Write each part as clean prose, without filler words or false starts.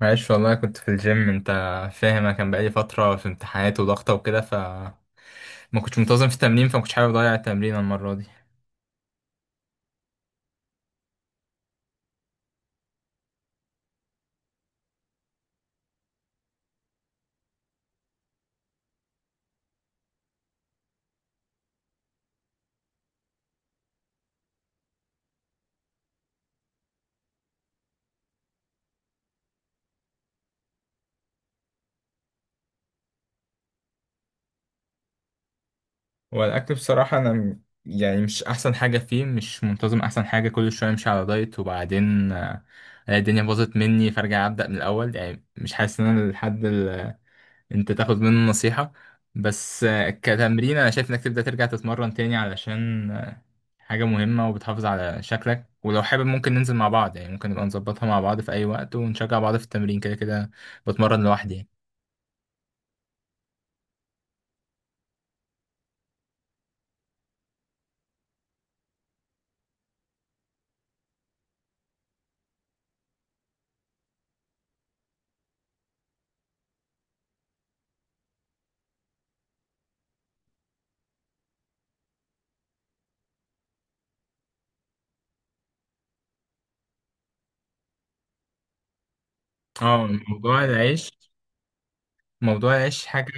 معلش، والله كنت في الجيم. انت فاهم، انا كان بقالي فترة في امتحانات وضغطة وكده، ما كنتش منتظم في التمرين، فما كنتش حابب اضيع التمرين المرة دي. والاكل بصراحة، انا يعني مش احسن حاجة فيه، مش منتظم. احسن حاجة كل شوية امشي على دايت وبعدين الاقي الدنيا باظت مني، فارجع ابدأ من الاول. يعني مش حاسس ان انا الحد اللي انت تاخد منه نصيحة. بس كتمرين انا شايف انك تبدأ ترجع تتمرن تاني، علشان حاجة مهمة وبتحافظ على شكلك. ولو حابب ممكن ننزل مع بعض، يعني ممكن نبقى نظبطها مع بعض في أي وقت ونشجع بعض في التمرين. كده كده بتمرن لوحدي يعني. اه، موضوع العيش حاجة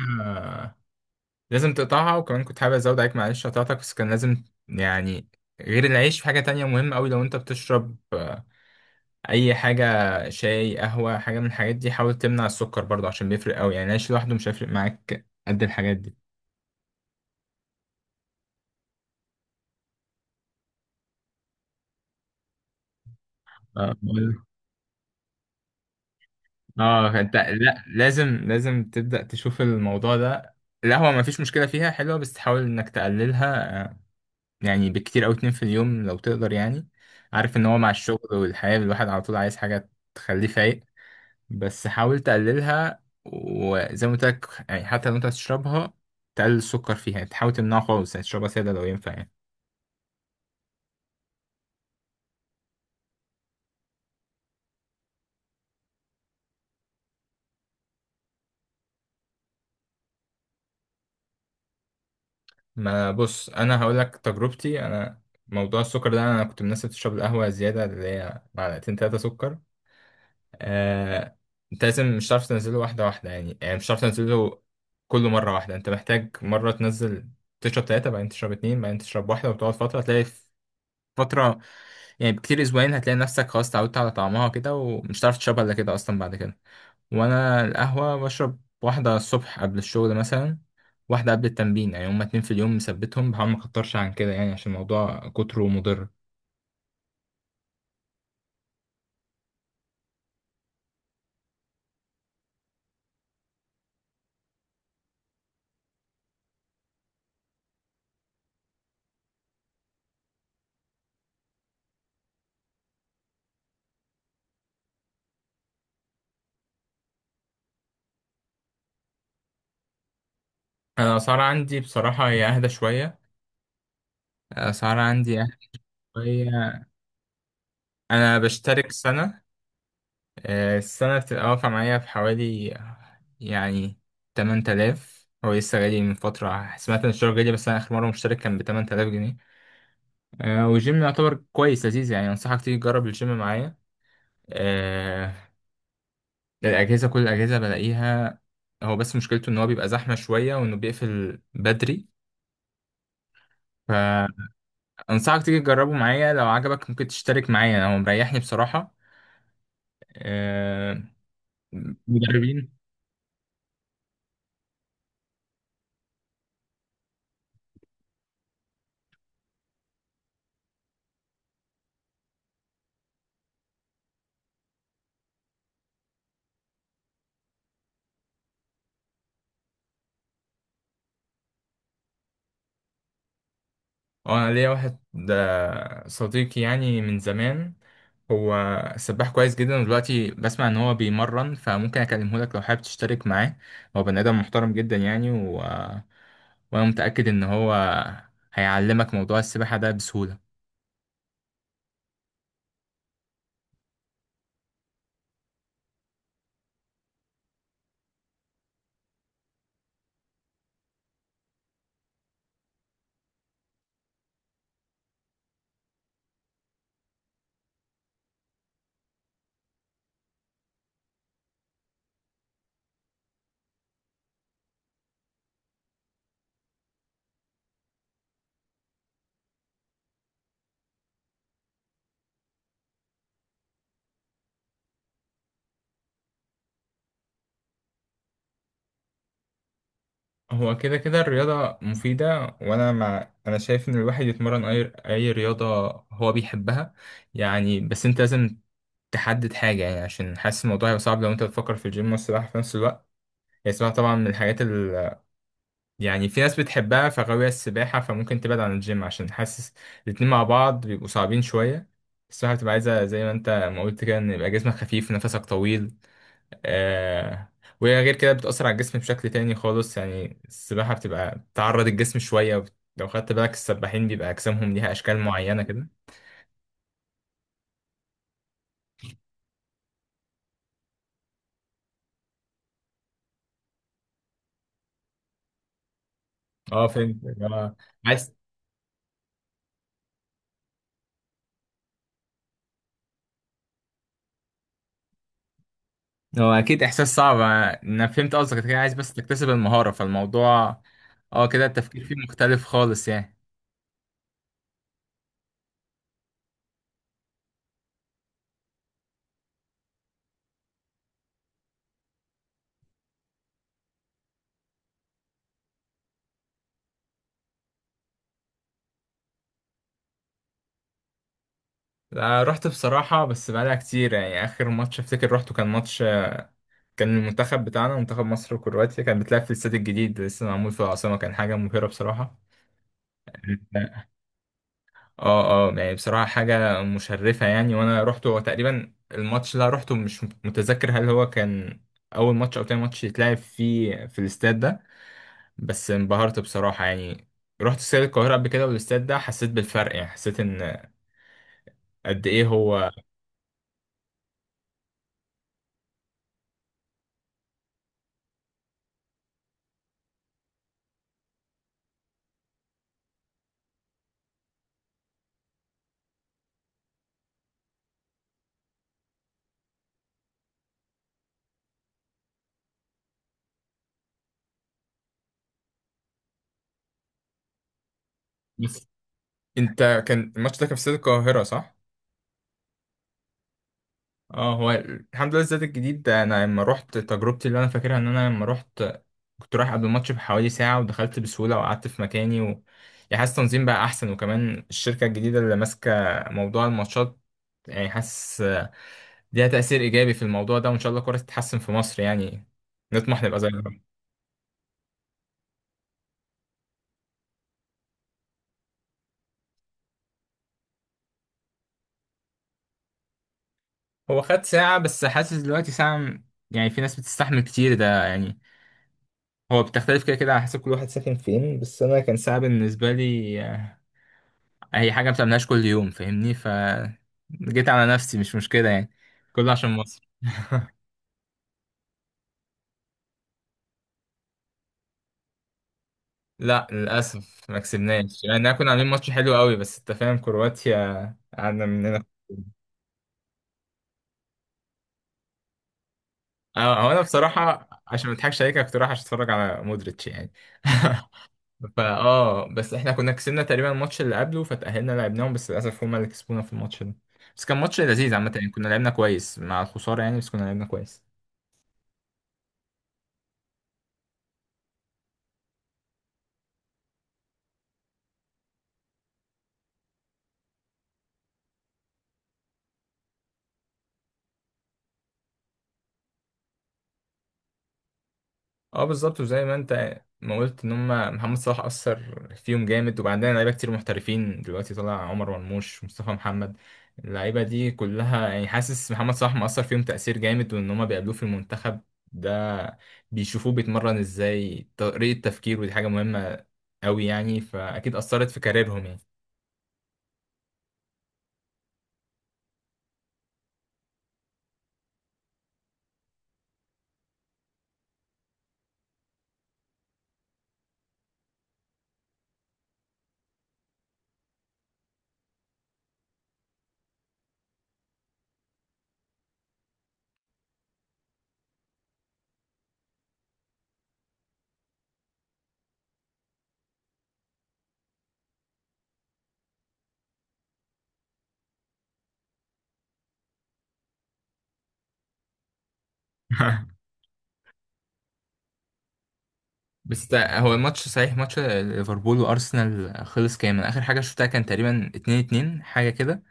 لازم تقطعها. وكمان كنت حابب أزود عليك، مع العيش قطعتك بس كان لازم يعني غير العيش في حاجة تانية مهمة أوي. لو أنت بتشرب أي حاجة، شاي، قهوة، حاجة من الحاجات دي، حاول تمنع السكر برضه، عشان بيفرق أوي. يعني العيش لوحده مش هيفرق معاك قد الحاجات دي. اه انت، لا، لازم لازم تبدأ تشوف الموضوع ده. القهوة ما فيش مشكلة فيها، حلوة، بس تحاول انك تقللها. يعني بكتير او اتنين في اليوم لو تقدر يعني. عارف ان هو مع الشغل والحياة، الواحد على طول عايز حاجة تخليه فايق، بس حاول تقللها. وزي ما قلت لك، يعني حتى لو انت هتشربها، تقلل السكر فيها، يعني تحاول تمنعه خالص، يعني تشربها سادة لو ينفع يعني. ما بص، انا هقول لك تجربتي انا. موضوع السكر ده، انا كنت من الناس اللي بتشرب القهوة زيادة، اللي هي معلقتين تلاتة سكر. آه، انت لازم مش هتعرف تنزله واحدة واحدة، يعني مش هتعرف تنزله كله مرة واحدة. انت محتاج مرة تنزل، تشرب تلاتة، بعدين تشرب اتنين، بعدين تشرب واحدة، وتقعد فترة. هتلاقي في فترة يعني بكتير اسبوعين، هتلاقي نفسك خلاص اتعودت على طعمها كده، ومش هتعرف تشربها الا كده اصلا بعد كده. وانا القهوة بشرب واحدة الصبح قبل الشغل مثلا، واحدة قبل التمرين، يعني هما اتنين في اليوم مثبتهم، بحاول ما اكترش عن كده يعني، عشان الموضوع كتره مضر. انا الاسعار عندي بصراحة هي اهدى شوية. الاسعار عندي اهدى شوية. انا بشترك سنة. السنة بتبقى واقفة معايا في حوالي يعني 8000. هو لسه غالي. من فترة سمعت ان الشغل غالي، بس انا اخر مرة مشترك كان ب 8000 جنيه. والجيم يعتبر كويس لذيذ يعني. انصحك تيجي تجرب الجيم معايا. آه، الاجهزة، كل الاجهزة بلاقيها. هو بس مشكلته ان هو بيبقى زحمة شوية، وانه بيقفل بدري. فانصحك تيجي تجربه معايا، لو عجبك ممكن تشترك معايا، هو مريحني بصراحة. آه، مدربين. اه، انا ليا واحد، ده صديقي يعني من زمان. هو سباح كويس جدا، ودلوقتي بسمع ان هو بيمرن، فممكن اكلمه لك لو حابب تشترك معاه. هو بني ادم محترم جدا يعني وانا متاكد ان هو هيعلمك موضوع السباحه ده بسهوله. هو كده كده الرياضه مفيده. وانا مع انا شايف ان الواحد يتمرن اي رياضه هو بيحبها يعني. بس انت لازم تحدد حاجه يعني، عشان حاسس الموضوع هيبقى صعب لو انت بتفكر في الجيم والسباحه في نفس الوقت. هي السباحة طبعا من الحاجات ال... يعني في ناس بتحبها، فغاوية السباحة، فممكن تبعد عن الجيم، عشان حاسس الاتنين مع بعض بيبقوا صعبين شوية. السباحة بتبقى عايزة زي ما انت ما قلت كده، ان يبقى جسمك خفيف، نفسك طويل. آه، وهي غير كده بتأثر على الجسم بشكل تاني خالص، يعني السباحة بتبقى بتعرض الجسم شوية، لو خدت بالك السباحين بيبقى أجسامهم ليها أشكال معينة كده. اه، فهمت اللي هو عايز. هو اكيد احساس صعب. انا فهمت قصدك انت كده، عايز بس تكتسب المهارة. فالموضوع اه كده التفكير فيه مختلف خالص يعني. أنا رحت بصراحة، بس بقالها كتير يعني. اخر ماتش افتكر روحته كان ماتش، كان المنتخب بتاعنا منتخب مصر وكرواتيا، كان بتلعب في الاستاد الجديد لسه معمول في العاصمة. كان حاجة مبهرة بصراحة. اه، اه، يعني بصراحة حاجة مشرفة يعني. وانا رحت، هو تقريبا الماتش اللي أنا روحته مش متذكر هل هو كان اول ماتش او تاني ماتش يتلعب فيه في الاستاد ده، بس انبهرت بصراحة يعني. رحت استاد القاهرة قبل كده، والاستاد ده حسيت بالفرق يعني، حسيت ان قد ايه هو. بس انت، كان الماتش ده كان في استاد القاهرة صح؟ اه، هو الحمد لله الزاد الجديد ده، انا لما رحت تجربتي اللي انا فاكرها ان انا لما رحت كنت رايح قبل الماتش بحوالي ساعة، ودخلت بسهولة وقعدت في مكاني يعني حاسس التنظيم بقى احسن. وكمان الشركة الجديدة اللي ماسكة موضوع الماتشات، يعني حاسس ليها تأثير ايجابي في الموضوع ده، وان شاء الله الكورة تتحسن في مصر يعني، نطمح نبقى زيها. هو خد ساعة، بس حاسس دلوقتي ساعة يعني في ناس بتستحمل كتير ده يعني. هو بتختلف كده كده على حسب كل واحد ساكن فين، بس أنا كان ساعة بالنسبة لي. هي حاجة ما بتعملهاش كل يوم، فاهمني؟ جيت على نفسي، مش مشكلة يعني. كله عشان مصر. لا للأسف ما كسبناش يعني. احنا كنا عاملين ماتش حلو قوي، بس أنت فاهم كرواتيا قعدنا مننا. اه، هو أنا بصراحة عشان ما أضحكش عليك، أنا كنت رايح عشان أتفرج على مودريتش يعني. فا اه، بس احنا كنا كسبنا تقريبا الماتش اللي قبله فتأهلنا لعبناهم، بس للأسف هما اللي كسبونا في الماتش ده. بس كان ماتش لذيذ عامة يعني، كنا لعبنا كويس مع الخسارة يعني، بس كنا لعبنا كويس. اه، بالظبط. وزي ما انت ما قلت ان هم، محمد صلاح اثر فيهم جامد. وبعدين لعيبه كتير محترفين دلوقتي، طلع عمر مرموش، مصطفى محمد، اللعيبه دي كلها، يعني حاسس محمد صلاح مأثر فيهم تأثير جامد، وان هم بيقابلوه في المنتخب ده بيشوفوه بيتمرن ازاي، طريقه التفكير، ودي حاجه مهمه قوي يعني، فاكيد أثرت في كاريرهم يعني. بس هو الماتش صحيح، ماتش ليفربول وارسنال خلص كام؟ انا اخر حاجه شفتها كان تقريبا 2-2 حاجه كده.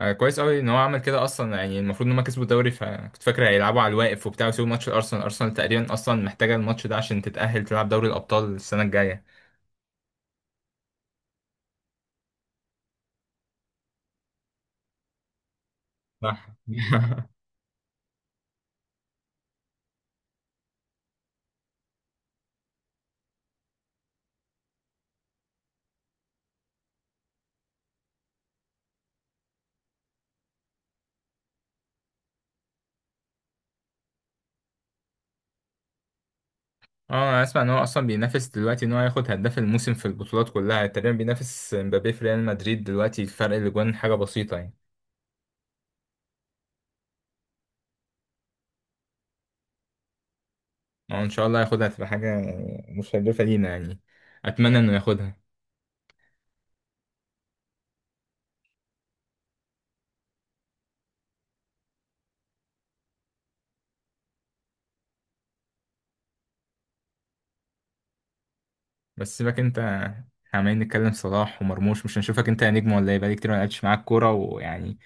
آه، كويس قوي ان هو عمل كده اصلا يعني. المفروض ان هم كسبوا الدوري، فكنت فاكر هيلعبوا على الواقف وبتاع، ويسيبوا ماتش الارسنال. ارسنال تقريبا اصلا محتاجه الماتش ده عشان تتاهل تلعب دوري الابطال السنه الجايه. صح. اه، انا اسمع ان هو اصلا بينافس دلوقتي ان هو ياخد هداف الموسم في البطولات كلها تقريبا، بينافس مبابي في ريال مدريد دلوقتي، فرق الاجوان حاجه بسيطه يعني. اه، ان شاء الله ياخدها، تبقى حاجه يعني مشرفه لينا يعني. اتمنى انه ياخدها. بس سيبك انت، إحنا عمالين نتكلم صلاح ومرموش، مش هنشوفك انت يا نجم ولا ايه؟ بقالي كتير ما لعبتش معاك كوره، ويعني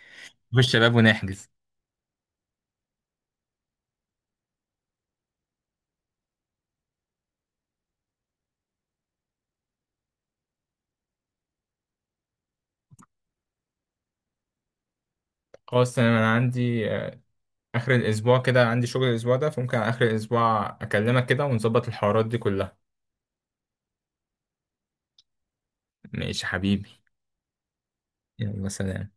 نخش شباب ونحجز. خلاص تمام. انا عندي اخر الاسبوع كده عندي شغل الاسبوع ده، فممكن على اخر الاسبوع اكلمك كده ونظبط الحوارات دي كلها. ماشي يا حبيبي. يلا، سلام.